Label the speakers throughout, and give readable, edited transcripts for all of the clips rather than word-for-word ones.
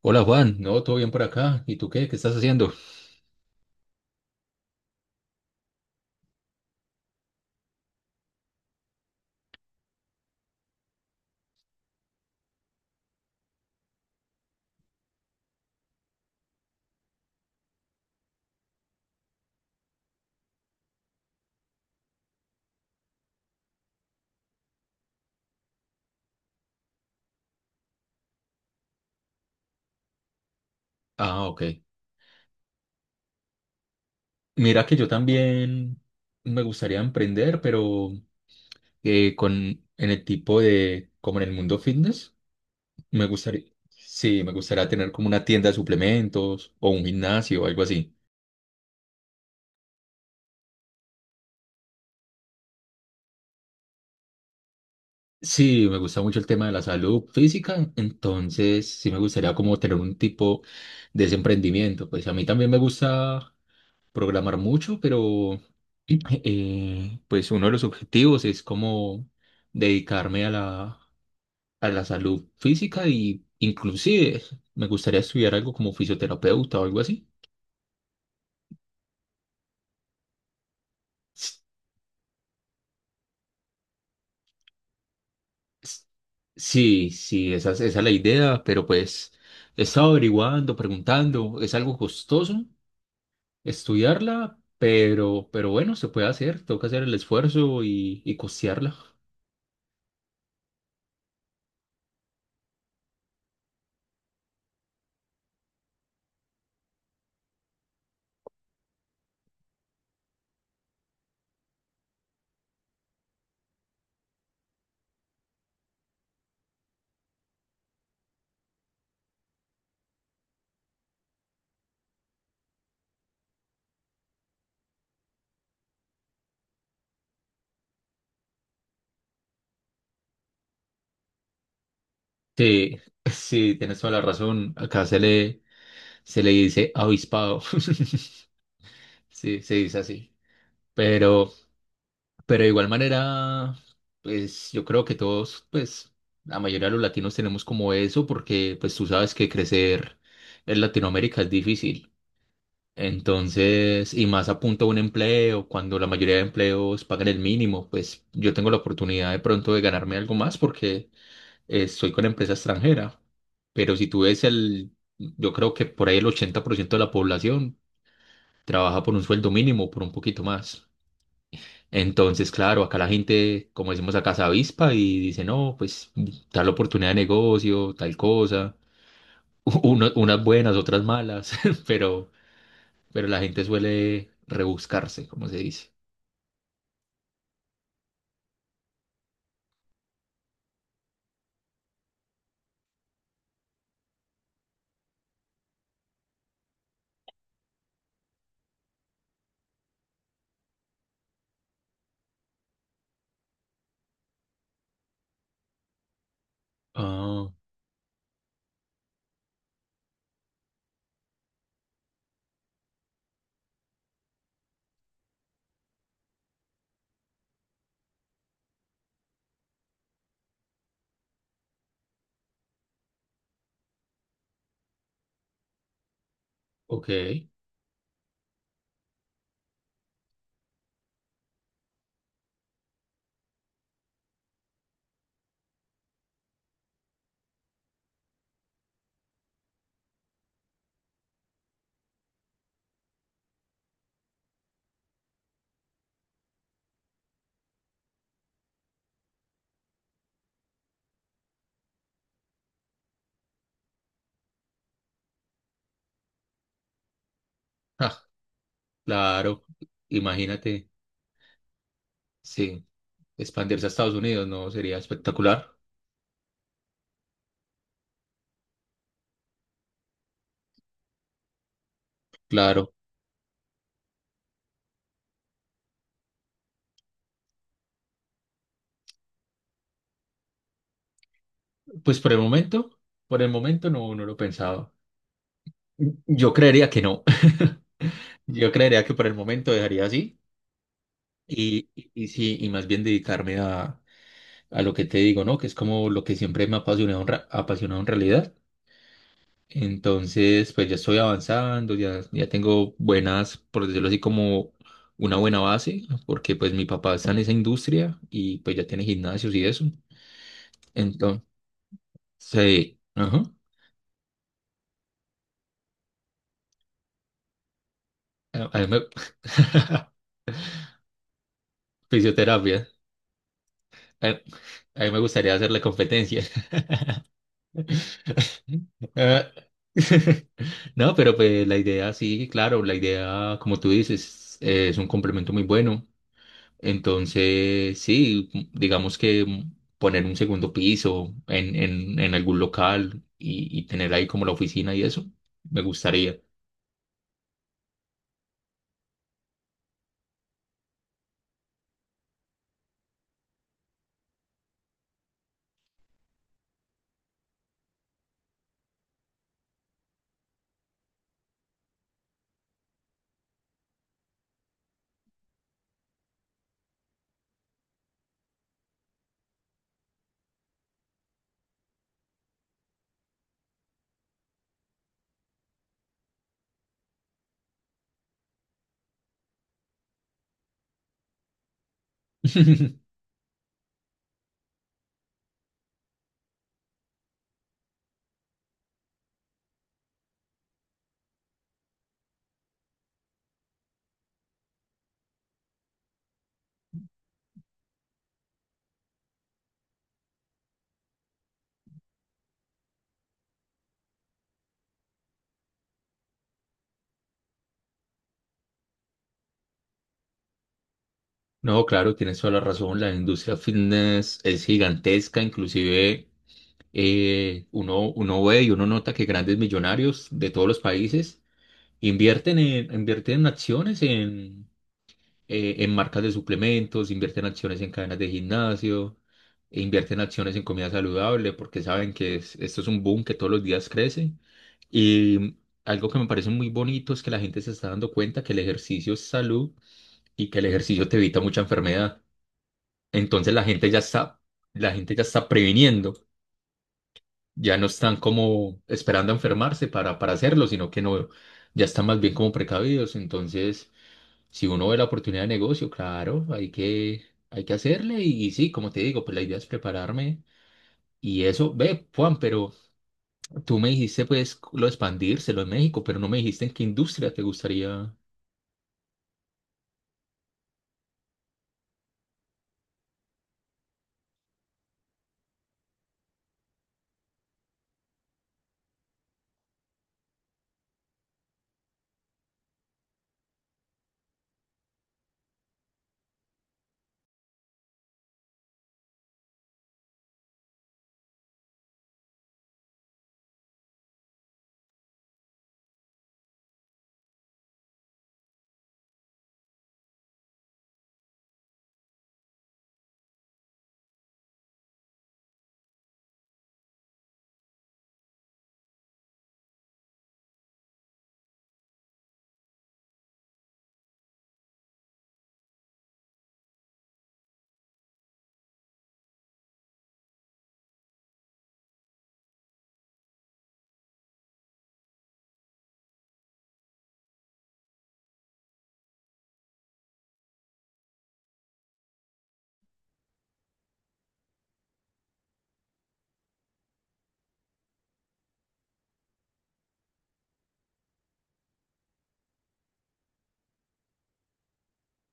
Speaker 1: Hola Juan, no, todo bien por acá. ¿Y tú qué? ¿Qué estás haciendo? Ah, ok. Mira que yo también me gustaría emprender, pero con en el tipo de, como en el mundo fitness, me gustaría, sí, me gustaría tener como una tienda de suplementos o un gimnasio o algo así. Sí, me gusta mucho el tema de la salud física, entonces sí me gustaría como tener un tipo de ese emprendimiento. Pues a mí también me gusta programar mucho, pero pues uno de los objetivos es como dedicarme a la salud física y inclusive me gustaría estudiar algo como fisioterapeuta o algo así. S- s- Sí, sí, esa es la idea, pero pues he estado averiguando, preguntando, es algo costoso estudiarla, pero bueno, se puede hacer, toca hacer el esfuerzo y costearla. Sí, sí, tienes toda la razón, acá se le... Se le dice avispado. Sí, se dice así. Pero, pero de igual manera, pues yo creo que todos, pues la mayoría de los latinos tenemos como eso, porque pues tú sabes que crecer en Latinoamérica es difícil. Entonces, y más a punto de un empleo, cuando la mayoría de empleos pagan el mínimo, pues yo tengo la oportunidad de pronto de ganarme algo más porque estoy con empresa extranjera. Pero si tú ves yo creo que por ahí el 80% de la población trabaja por un sueldo mínimo, por un poquito más. Entonces, claro, acá la gente, como decimos acá, se avispa y dice, no, pues tal oportunidad de negocio, tal cosa, unas buenas, otras malas, pero, pero la gente suele rebuscarse, como se dice. Ah, ok. Ah, claro, imagínate, sí, expandirse a Estados Unidos, ¿no? Sería espectacular. Claro, pues por el momento no lo pensaba. Yo creería que no. Yo creería que por el momento dejaría así y sí, y más bien dedicarme a lo que te digo, ¿no? Que es como lo que siempre me ha apasionado en realidad. Entonces, pues ya estoy avanzando, ya tengo buenas, por decirlo así, como una buena base, porque pues mi papá está en esa industria y pues ya tiene gimnasios y eso. Entonces, sí, ajá, a mí fisioterapia. A mí me gustaría hacerle competencia. Ah, No, pero pues la idea sí, claro, la idea, como tú dices, es un complemento muy bueno. Entonces, sí, digamos que poner un segundo piso en, en algún local y tener ahí como la oficina y eso, me gustaría. No, claro, tienes toda la razón. La industria fitness es gigantesca, inclusive uno ve y uno nota que grandes millonarios de todos los países invierten en acciones en marcas de suplementos, invierten acciones en cadenas de gimnasio, e invierten acciones en comida saludable, porque saben que esto es un boom que todos los días crece. Y algo que me parece muy bonito es que la gente se está dando cuenta que el ejercicio es salud y que el ejercicio te evita mucha enfermedad. Entonces la gente ya está previniendo, ya no están como esperando a enfermarse para hacerlo, sino que no, ya están más bien como precavidos. Entonces si uno ve la oportunidad de negocio, claro, hay que hacerle y, sí, como te digo, pues la idea es prepararme y eso, ve, Juan, pero tú me dijiste pues lo de expandírselo en México, pero no me dijiste en qué industria te gustaría.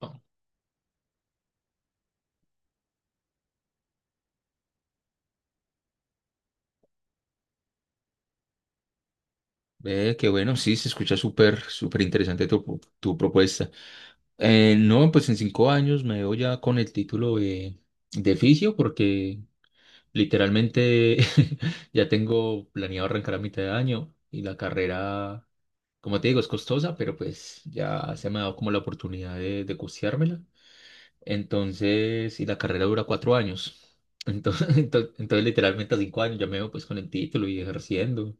Speaker 1: Ah, ve, qué bueno, sí, se escucha súper, súper interesante tu propuesta. No, pues en 5 años me veo ya con el título de fisio porque literalmente ya tengo planeado arrancar a mitad de año y la carrera, como te digo, es costosa, pero pues ya se me ha dado como la oportunidad de costeármela. Entonces, y la carrera dura 4 años. Entonces, entonces literalmente a 5 años ya me veo pues con el título y ejerciendo.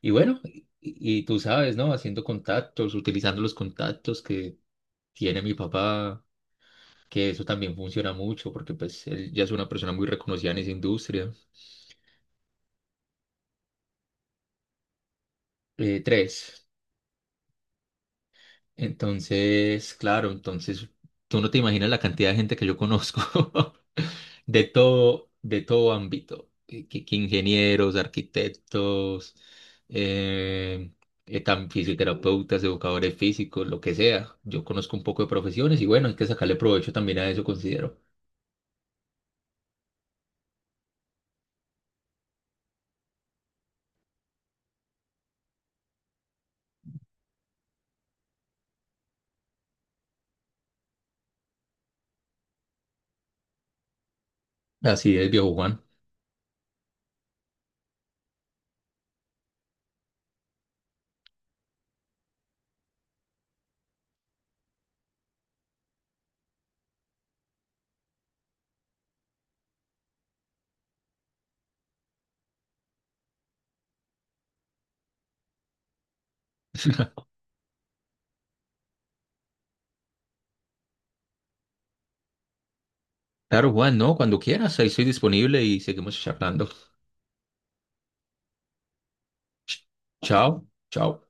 Speaker 1: Y bueno, y tú sabes, ¿no? Haciendo contactos, utilizando los contactos que tiene mi papá, que eso también funciona mucho porque pues él ya es una persona muy reconocida en esa industria. Tres. Entonces, claro, entonces tú no te imaginas la cantidad de gente que yo conozco de todo ámbito, que ingenieros, arquitectos, eh, fisioterapeutas, educadores físicos, lo que sea. Yo conozco un poco de profesiones y bueno, hay que sacarle provecho también a eso, considero. Así es, viejo Juan. Claro, Juan, no, cuando quieras, ahí estoy disponible y seguimos charlando. Ch- Chao, chao.